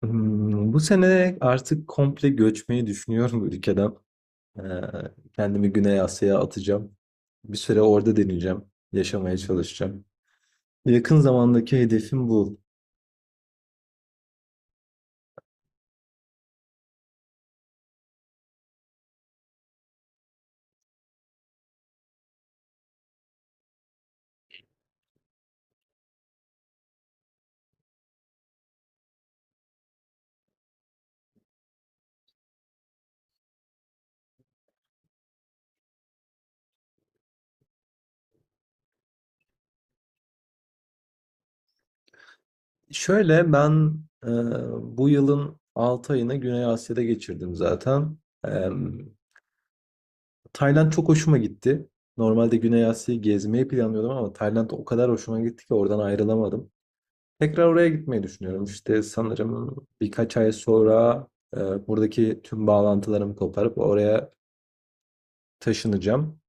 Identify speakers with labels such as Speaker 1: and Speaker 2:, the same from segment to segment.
Speaker 1: Bu sene artık komple göçmeyi düşünüyorum ülkeden. Ee, Kendimi Güney Asya'ya atacağım. Bir süre orada deneyeceğim. Yaşamaya çalışacağım. Yakın zamandaki hedefim bu. Şöyle ben e, bu yılın 6 ayını Güney Asya'da geçirdim zaten. Ee, Tayland çok hoşuma gitti. Normalde Güney Asya'yı gezmeyi planlıyordum ama Tayland o kadar hoşuma gitti ki oradan ayrılamadım. Tekrar oraya gitmeyi düşünüyorum. İşte sanırım birkaç ay sonra buradaki tüm bağlantılarımı koparıp oraya taşınacağım.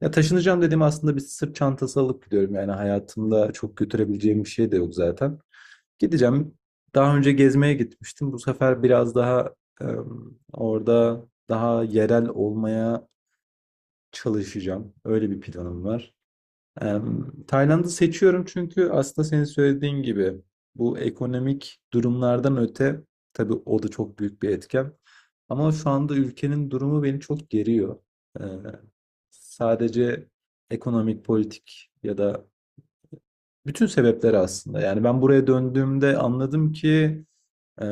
Speaker 1: Ya taşınacağım dediğim aslında bir sırt çantası alıp gidiyorum. Yani hayatımda çok götürebileceğim bir şey de yok zaten. Gideceğim. Daha önce gezmeye gitmiştim. Bu sefer biraz daha e, orada daha yerel olmaya çalışacağım. Öyle bir planım var. Tayland'ı seçiyorum çünkü aslında senin söylediğin gibi bu ekonomik durumlardan öte, tabii o da çok büyük bir etken. Ama şu anda ülkenin durumu beni çok geriyor. Ee, sadece ekonomik, politik ya da bütün sebepleri aslında. Yani ben buraya döndüğümde anladım ki Ee,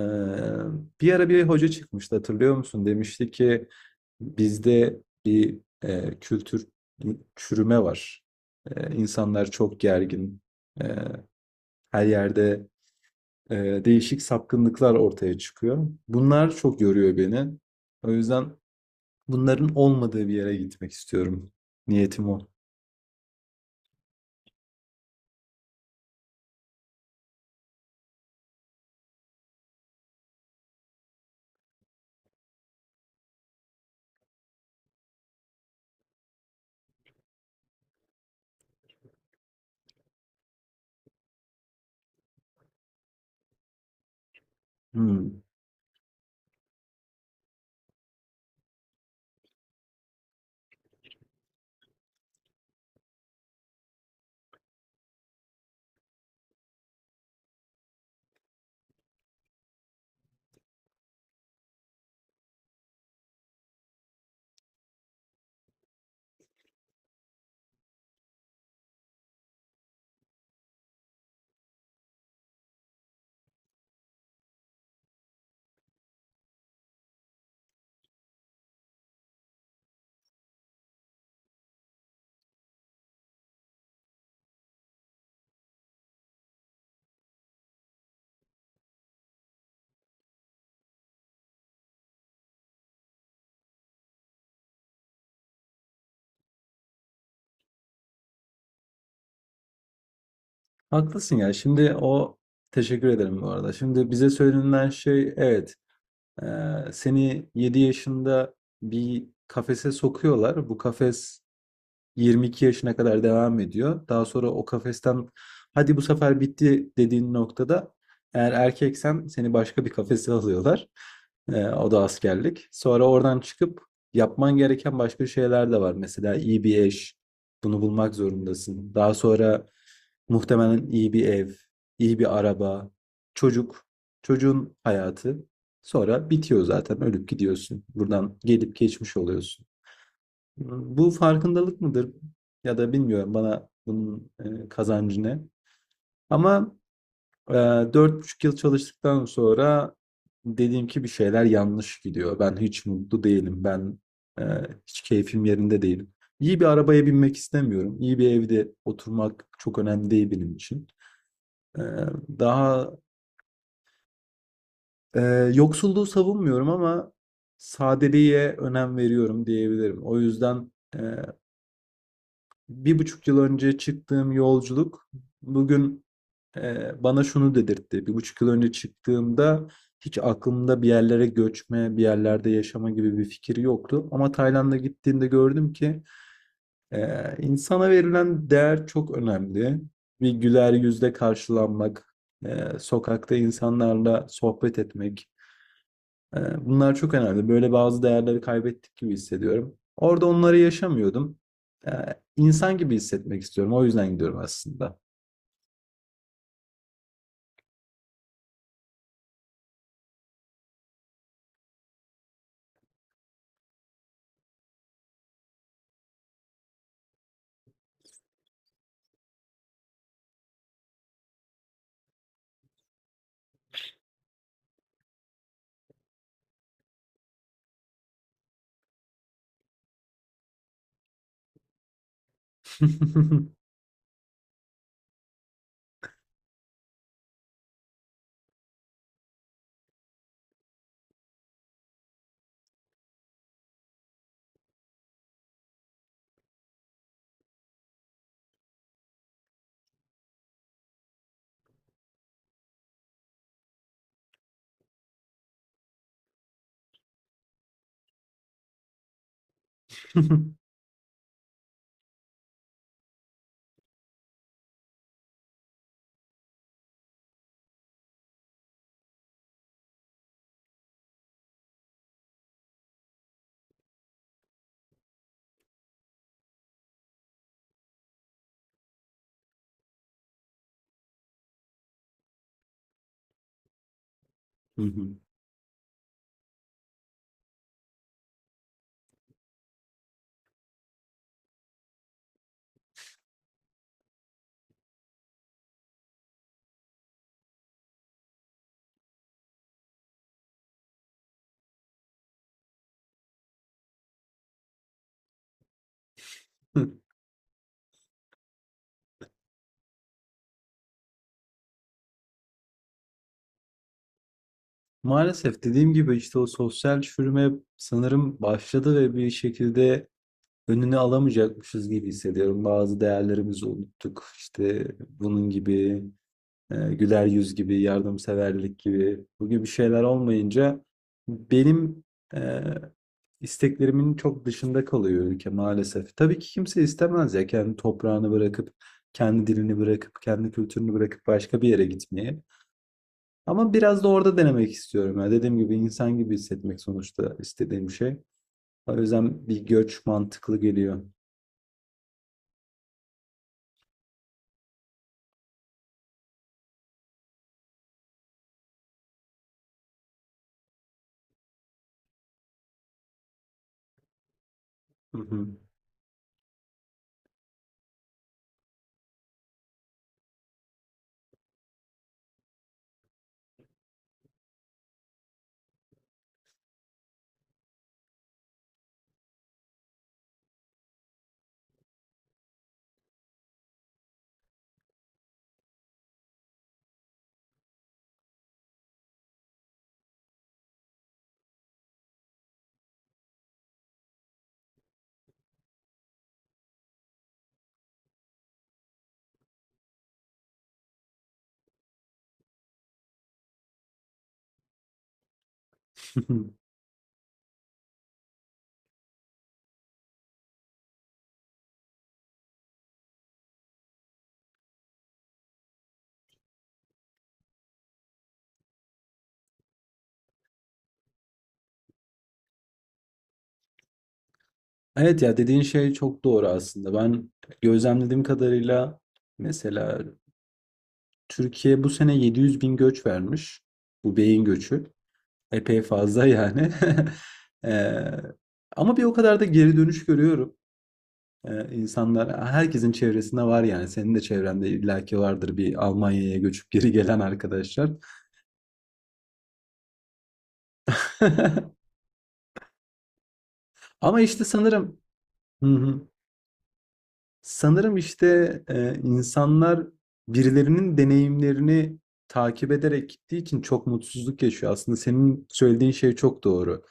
Speaker 1: bir ara bir hoca çıkmıştı, hatırlıyor musun? Demişti ki bizde bir kültür çürüme var. İnsanlar çok gergin. Ee, her yerde e, değişik sapkınlıklar ortaya çıkıyor. Bunlar çok yoruyor beni. O yüzden bunların olmadığı bir yere gitmek istiyorum. Niyetim o. Hmm. Haklısın ya. Şimdi o, teşekkür ederim bu arada. Şimdi bize söylenen şey, evet, seni 7 yaşında bir kafese sokuyorlar. Bu kafes 22 yaşına kadar devam ediyor. Daha sonra o kafesten, hadi bu sefer bitti dediğin noktada, eğer erkeksen seni başka bir kafese alıyorlar. O da askerlik. Sonra oradan çıkıp yapman gereken başka şeyler de var. Mesela iyi bir eş. Bunu bulmak zorundasın. Daha sonra muhtemelen iyi bir ev, iyi bir araba, çocuk, çocuğun hayatı. Sonra bitiyor zaten. Ölüp gidiyorsun. Buradan gelip geçmiş oluyorsun. Bu farkındalık mıdır ya da bilmiyorum, bana bunun kazancı ne. Ama e, 4,5 yıl çalıştıktan sonra dediğim ki bir şeyler yanlış gidiyor. Ben hiç mutlu değilim. Ben e, hiç keyfim yerinde değil. İyi bir arabaya binmek istemiyorum. İyi bir evde oturmak çok önemli değil benim için. E, daha e, yoksulluğu savunmuyorum ama sadeliğe önem veriyorum diyebilirim. O yüzden... e, 1,5 yıl önce çıktığım yolculuk bugün bana şunu dedirtti. 1,5 yıl önce çıktığımda hiç aklımda bir yerlere göçme, bir yerlerde yaşama gibi bir fikir yoktu. Ama Tayland'a gittiğimde gördüm ki e, insana verilen değer çok önemli. Bir güler yüzle karşılanmak, sokakta insanlarla sohbet etmek, bunlar çok önemli. Böyle bazı değerleri kaybettik gibi hissediyorum. Orada onları yaşamıyordum. Ee, İnsan gibi hissetmek istiyorum. O yüzden gidiyorum aslında. Maalesef dediğim gibi işte o sosyal çürüme sanırım başladı ve bir şekilde önünü alamayacakmışız gibi hissediyorum. Bazı değerlerimizi unuttuk. İşte bunun gibi güler yüz gibi, yardımseverlik gibi, bu gibi şeyler olmayınca benim e, isteklerimin çok dışında kalıyor ülke maalesef. Tabii ki kimse istemez ya kendi toprağını bırakıp, kendi dilini bırakıp, kendi kültürünü bırakıp başka bir yere gitmeyi. Ama biraz da orada denemek istiyorum. Ya dediğim gibi insan gibi hissetmek sonuçta istediğim şey. O yüzden bir göç mantıklı geliyor. Hı hı. Evet, ya dediğin şey çok doğru aslında. Ben gözlemlediğim kadarıyla mesela Türkiye bu sene 700 bin göç vermiş. Bu beyin göçü. Epey fazla yani. Ee, ama bir o kadar da geri dönüş görüyorum. İnsanlar herkesin çevresinde var yani. Senin de çevrende illaki vardır bir Almanya'ya göçüp geri gelen arkadaşlar. Ama işte sanırım. Hı hı. Sanırım işte, insanlar birilerinin deneyimlerini takip ederek gittiği için çok mutsuzluk yaşıyor. Aslında senin söylediğin şey çok doğru.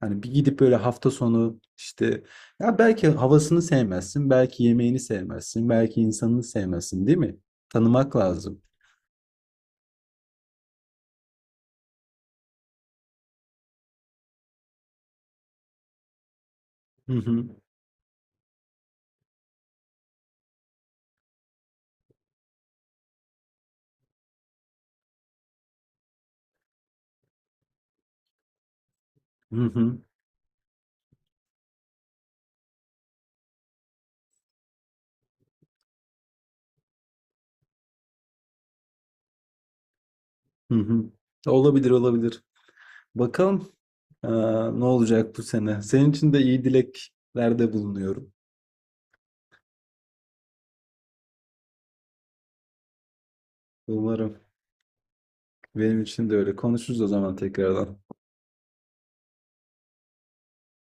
Speaker 1: Hani bir gidip böyle hafta sonu, işte, ya belki havasını sevmezsin, belki yemeğini sevmezsin, belki insanını sevmezsin, değil mi? Tanımak lazım. Hı hı. Hı hı. Hı hı. Olabilir, olabilir. Bakalım, eee, ne olacak bu sene. Senin için de iyi dileklerde bulunuyorum. Umarım. Benim için de öyle. Konuşuruz o zaman tekrardan.